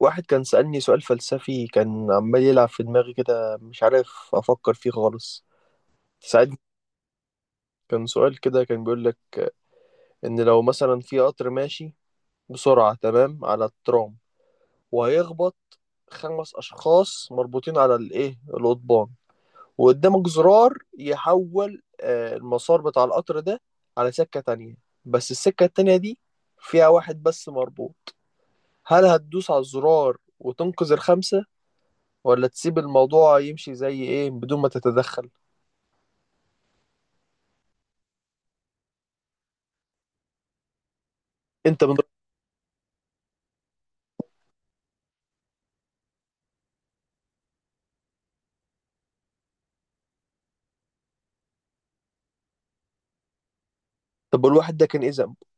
واحد كان سألني سؤال فلسفي، كان عمال يلعب في دماغي كده، مش عارف أفكر فيه خالص. ساعدني. كان سؤال كده، كان بيقول لك إن لو مثلا في قطر ماشي بسرعة تمام على الترام، وهيخبط خمس أشخاص مربوطين على الإيه القضبان، وقدامك زرار يحول المسار بتاع القطر ده على سكة تانية. بس السكة التانية دي فيها واحد بس مربوط. هل هتدوس على الزرار وتنقذ الخمسة، ولا تسيب الموضوع يمشي زي ايه بدون ما تتدخل؟ انت من... طب الواحد ده كان ايه ذنبه؟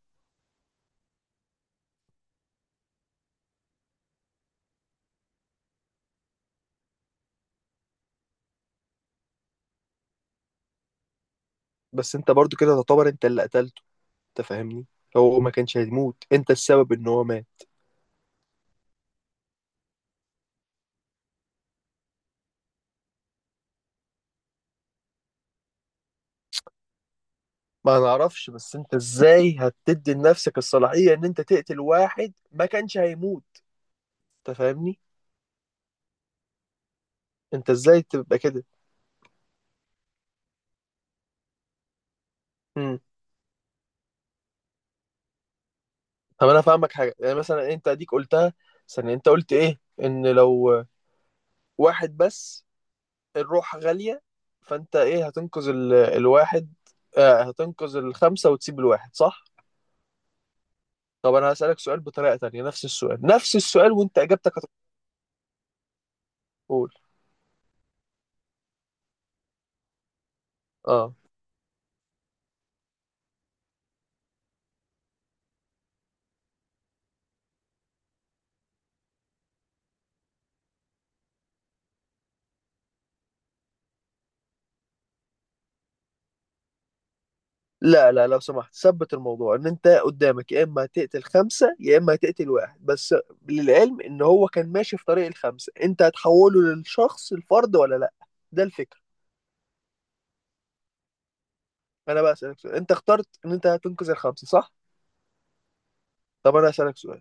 بس انت برضو كده تعتبر انت اللي قتلته. انت فاهمني؟ هو ما كانش هيموت، انت السبب ان هو مات. ما نعرفش، بس انت ازاي هتدي لنفسك الصلاحية ان انت تقتل واحد ما كانش هيموت؟ انت فاهمني؟ انت ازاي تبقى كده؟ امم طب انا فاهمك حاجة. يعني مثلا انت اديك قلتها ثانية، انت قلت ايه؟ ان لو واحد بس، الروح غالية. فانت ايه، هتنقذ الواحد؟ هتنقذ الخمسة وتسيب الواحد، صح؟ طب انا هسألك سؤال بطريقة تانية، نفس السؤال، نفس السؤال وانت اجابتك هتقول اه لا، لا، لو سمحت ثبت الموضوع ان انت قدامك يا اما هتقتل خمسة يا اما هتقتل واحد بس، للعلم ان هو كان ماشي في طريق الخمسة، انت هتحوله للشخص الفرد ولا لا؟ ده الفكرة. انا بقى اسألك سؤال، انت اخترت ان انت هتنقذ الخمسة، صح؟ طب انا هسألك سؤال.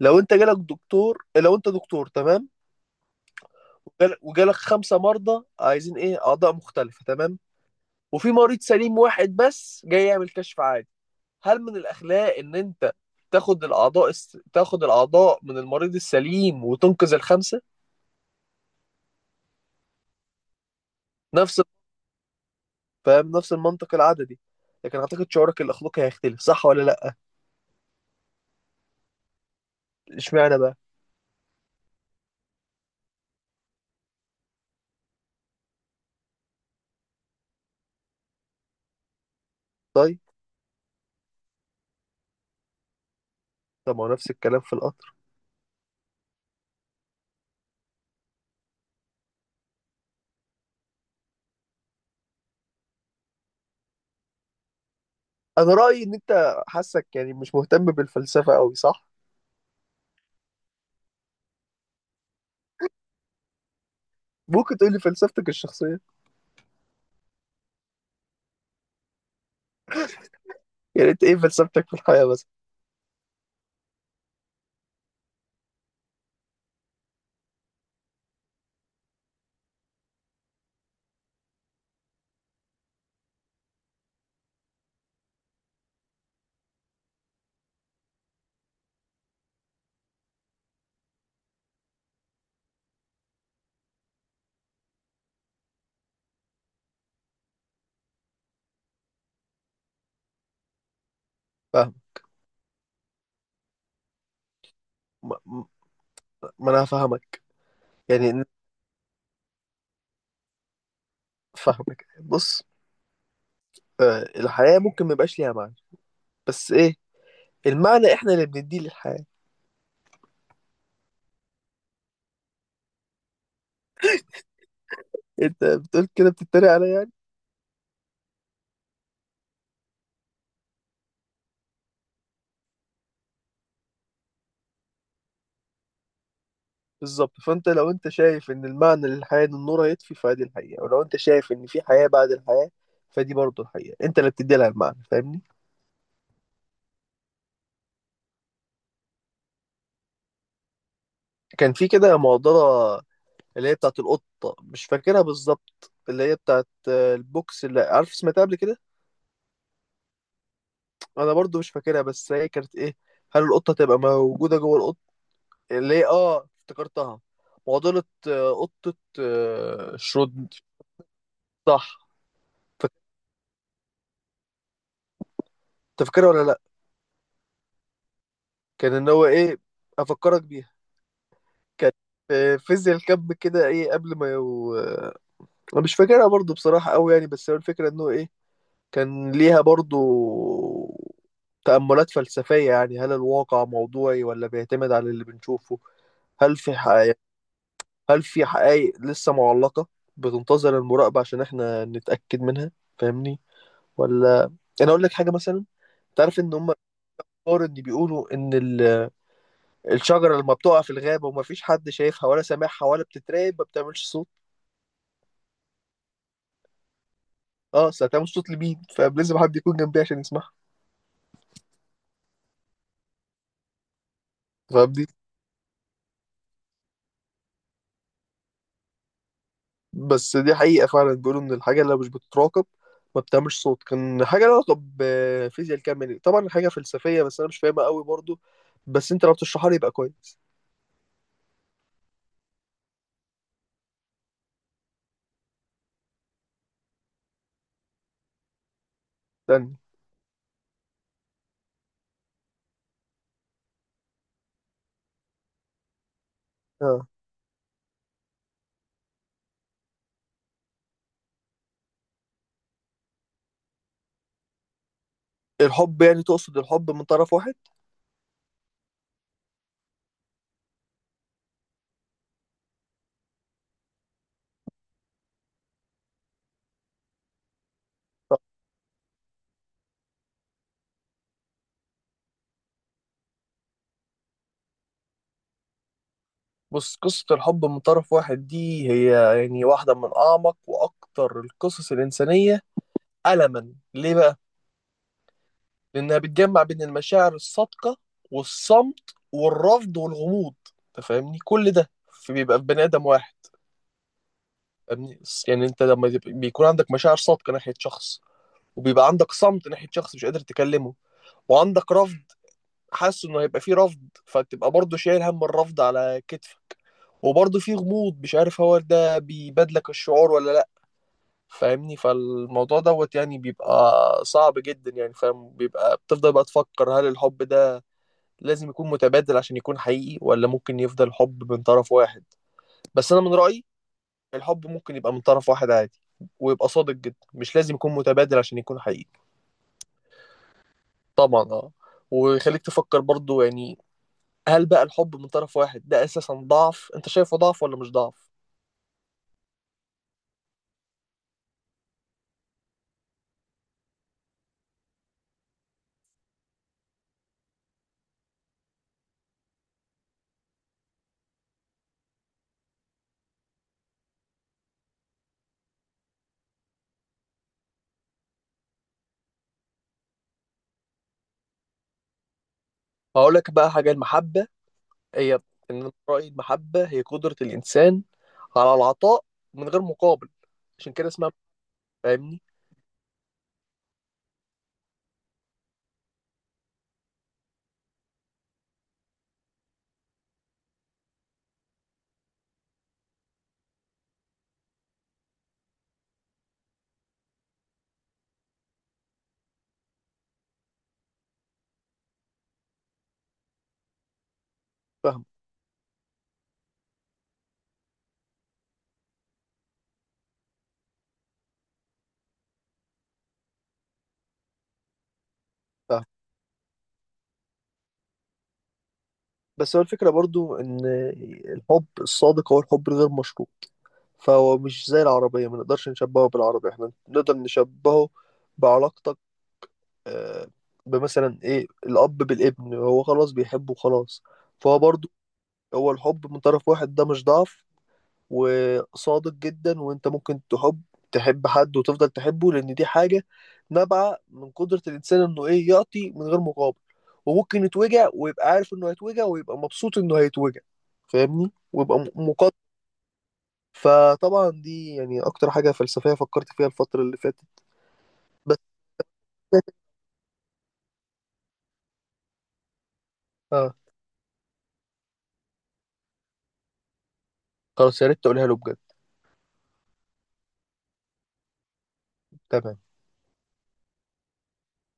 لو انت جالك دكتور، لو انت دكتور تمام، وجالك خمسة مرضى عايزين ايه اعضاء مختلفة تمام، وفي مريض سليم واحد بس جاي يعمل كشف عادي، هل من الاخلاق ان انت تاخد الاعضاء تاخد الاعضاء من المريض السليم وتنقذ الخمسة؟ نفس فاهم؟ نفس المنطق العددي، لكن اعتقد شعورك الاخلاقي هيختلف، صح ولا لا؟ اشمعنى بقى؟ طيب. طب ما هو نفس الكلام في القطر. انا رأيي ان انت حاسك يعني مش مهتم بالفلسفة قوي، صح؟ ممكن تقولي فلسفتك الشخصية؟ يعني انت ايه فلسفتك في الحياة بس؟ فاهم. ما ما- ما انا هفهمك. يعني فاهمك. بص، الحياة ممكن ما يبقاش ليها معنى، بس ايه؟ المعنى احنا اللي بنديه للحياة. انت بتقول كده بتتريق عليا يعني؟ بالظبط. فانت لو انت شايف ان المعنى للحياة ان النور هيطفي، فدي الحقيقة. ولو انت شايف ان في حياة بعد الحياة، فدي برضه الحقيقة. انت اللي بتدي لها المعنى، فاهمني؟ كان في كده معضلة، اللي هي بتاعت القطة، مش فاكرها بالظبط، اللي هي بتاعت البوكس، اللي عارف سمعتها قبل كده. انا برضه مش فاكرها، بس هي كانت ايه؟ هل القطة تبقى موجودة جوه؟ اللي هي، افتكرتها. معضلة قطة شرود. صح. فك- تفكرها ولا لأ؟ كان إن هو إيه، أفكرك بيها. كانت في فيزياء الكم كده، إيه، قبل ما يو... آه، أنا مش فاكرها برضو بصراحة أوي يعني، بس هو الفكرة إنه إيه، كان ليها برضو تأملات فلسفية. يعني هل الواقع موضوعي ولا بيعتمد على اللي بنشوفه؟ هل في حقائق؟ هل في حقائق لسه معلقة بتنتظر المراقبة عشان إحنا نتأكد منها؟ فاهمني ولا؟ انا اقول لك حاجه مثلا. تعرف ان هم الكبار اللي بيقولوا ان الشجره لما بتقع في الغابه ومفيش حد شايفها ولا سامعها ولا بتتراقب ما بتعملش صوت؟ اه، اصل هتعمل صوت لمين؟ فلازم حد يكون جنبي عشان يسمعها. فاهم دي؟ بس دي حقيقه، فعلا بيقولوا ان الحاجه اللي مش بتتراقب ما بتعملش صوت. كان حاجه لها علاقه بفيزياء الكم يعني، طبعا حاجه فلسفيه، بس انا مش فاهمها قوي برضو. بس انت لو بتشرحها لي يبقى كويس. استنى. اه، الحب يعني، تقصد الحب من طرف واحد؟ بص، قصة الحب من طرف واحد دي هي يعني واحدة من أعمق وأكتر القصص الإنسانية ألما. ليه بقى؟ لأنها بتجمع بين المشاعر الصادقة والصمت والرفض والغموض. أنت فاهمني؟ كل ده بيبقى في بني آدم واحد. فاهمني؟ يعني أنت بيكون عندك مشاعر صادقة ناحية شخص، وبيبقى عندك صمت ناحية شخص مش قادر تكلمه، وعندك رفض. حاسس إنه هيبقى فيه رفض، فتبقى برضه شايل هم الرفض على كتفك. وبرضه في غموض، مش عارف هو ده بيبادلك الشعور ولا. فاهمني؟ فالموضوع دوت يعني بيبقى صعب جدا، يعني فاهم، بيبقى بتفضل بقى تفكر هل الحب ده لازم يكون متبادل عشان يكون حقيقي، ولا ممكن يفضل حب من طرف واحد. بس انا من رأيي الحب ممكن يبقى من طرف واحد عادي، ويبقى صادق جدا، مش لازم يكون متبادل عشان يكون حقيقي. طبعا اه. ويخليك تفكر برضو يعني، هل بقى الحب من طرف واحد ده اساسا ضعف؟ انت شايفه ضعف ولا مش ضعف؟ هقول لك بقى حاجة. المحبة هي، إن أنا رأيي المحبة هي قدرة الإنسان على العطاء من غير مقابل. عشان كده اسمها، فاهمني؟ فاهم فاهم بس هو الفكرة برضو إن الحب الصادق هو الحب الغير مشروط. فهو مش زي العربية، ما نقدرش نشبهه بالعربية. احنا نقدر نشبهه بعلاقتك، آه، بمثلا إيه الأب بالابن، هو خلاص بيحبه خلاص. فهو برضو، هو الحب من طرف واحد ده مش ضعف، وصادق جدا. وانت ممكن تحب حد وتفضل تحبه، لان دي حاجة نابعة من قدرة الانسان انه ايه يعطي من غير مقابل. وممكن يتوجع ويبقى عارف انه هيتوجع ويبقى مبسوط انه هيتوجع. فاهمني؟ ويبقى مقدر. فطبعا دي يعني اكتر حاجة فلسفية فكرت فيها الفترة اللي فاتت. بس اه، خلاص يا ريت تقولها له بجد. تمام.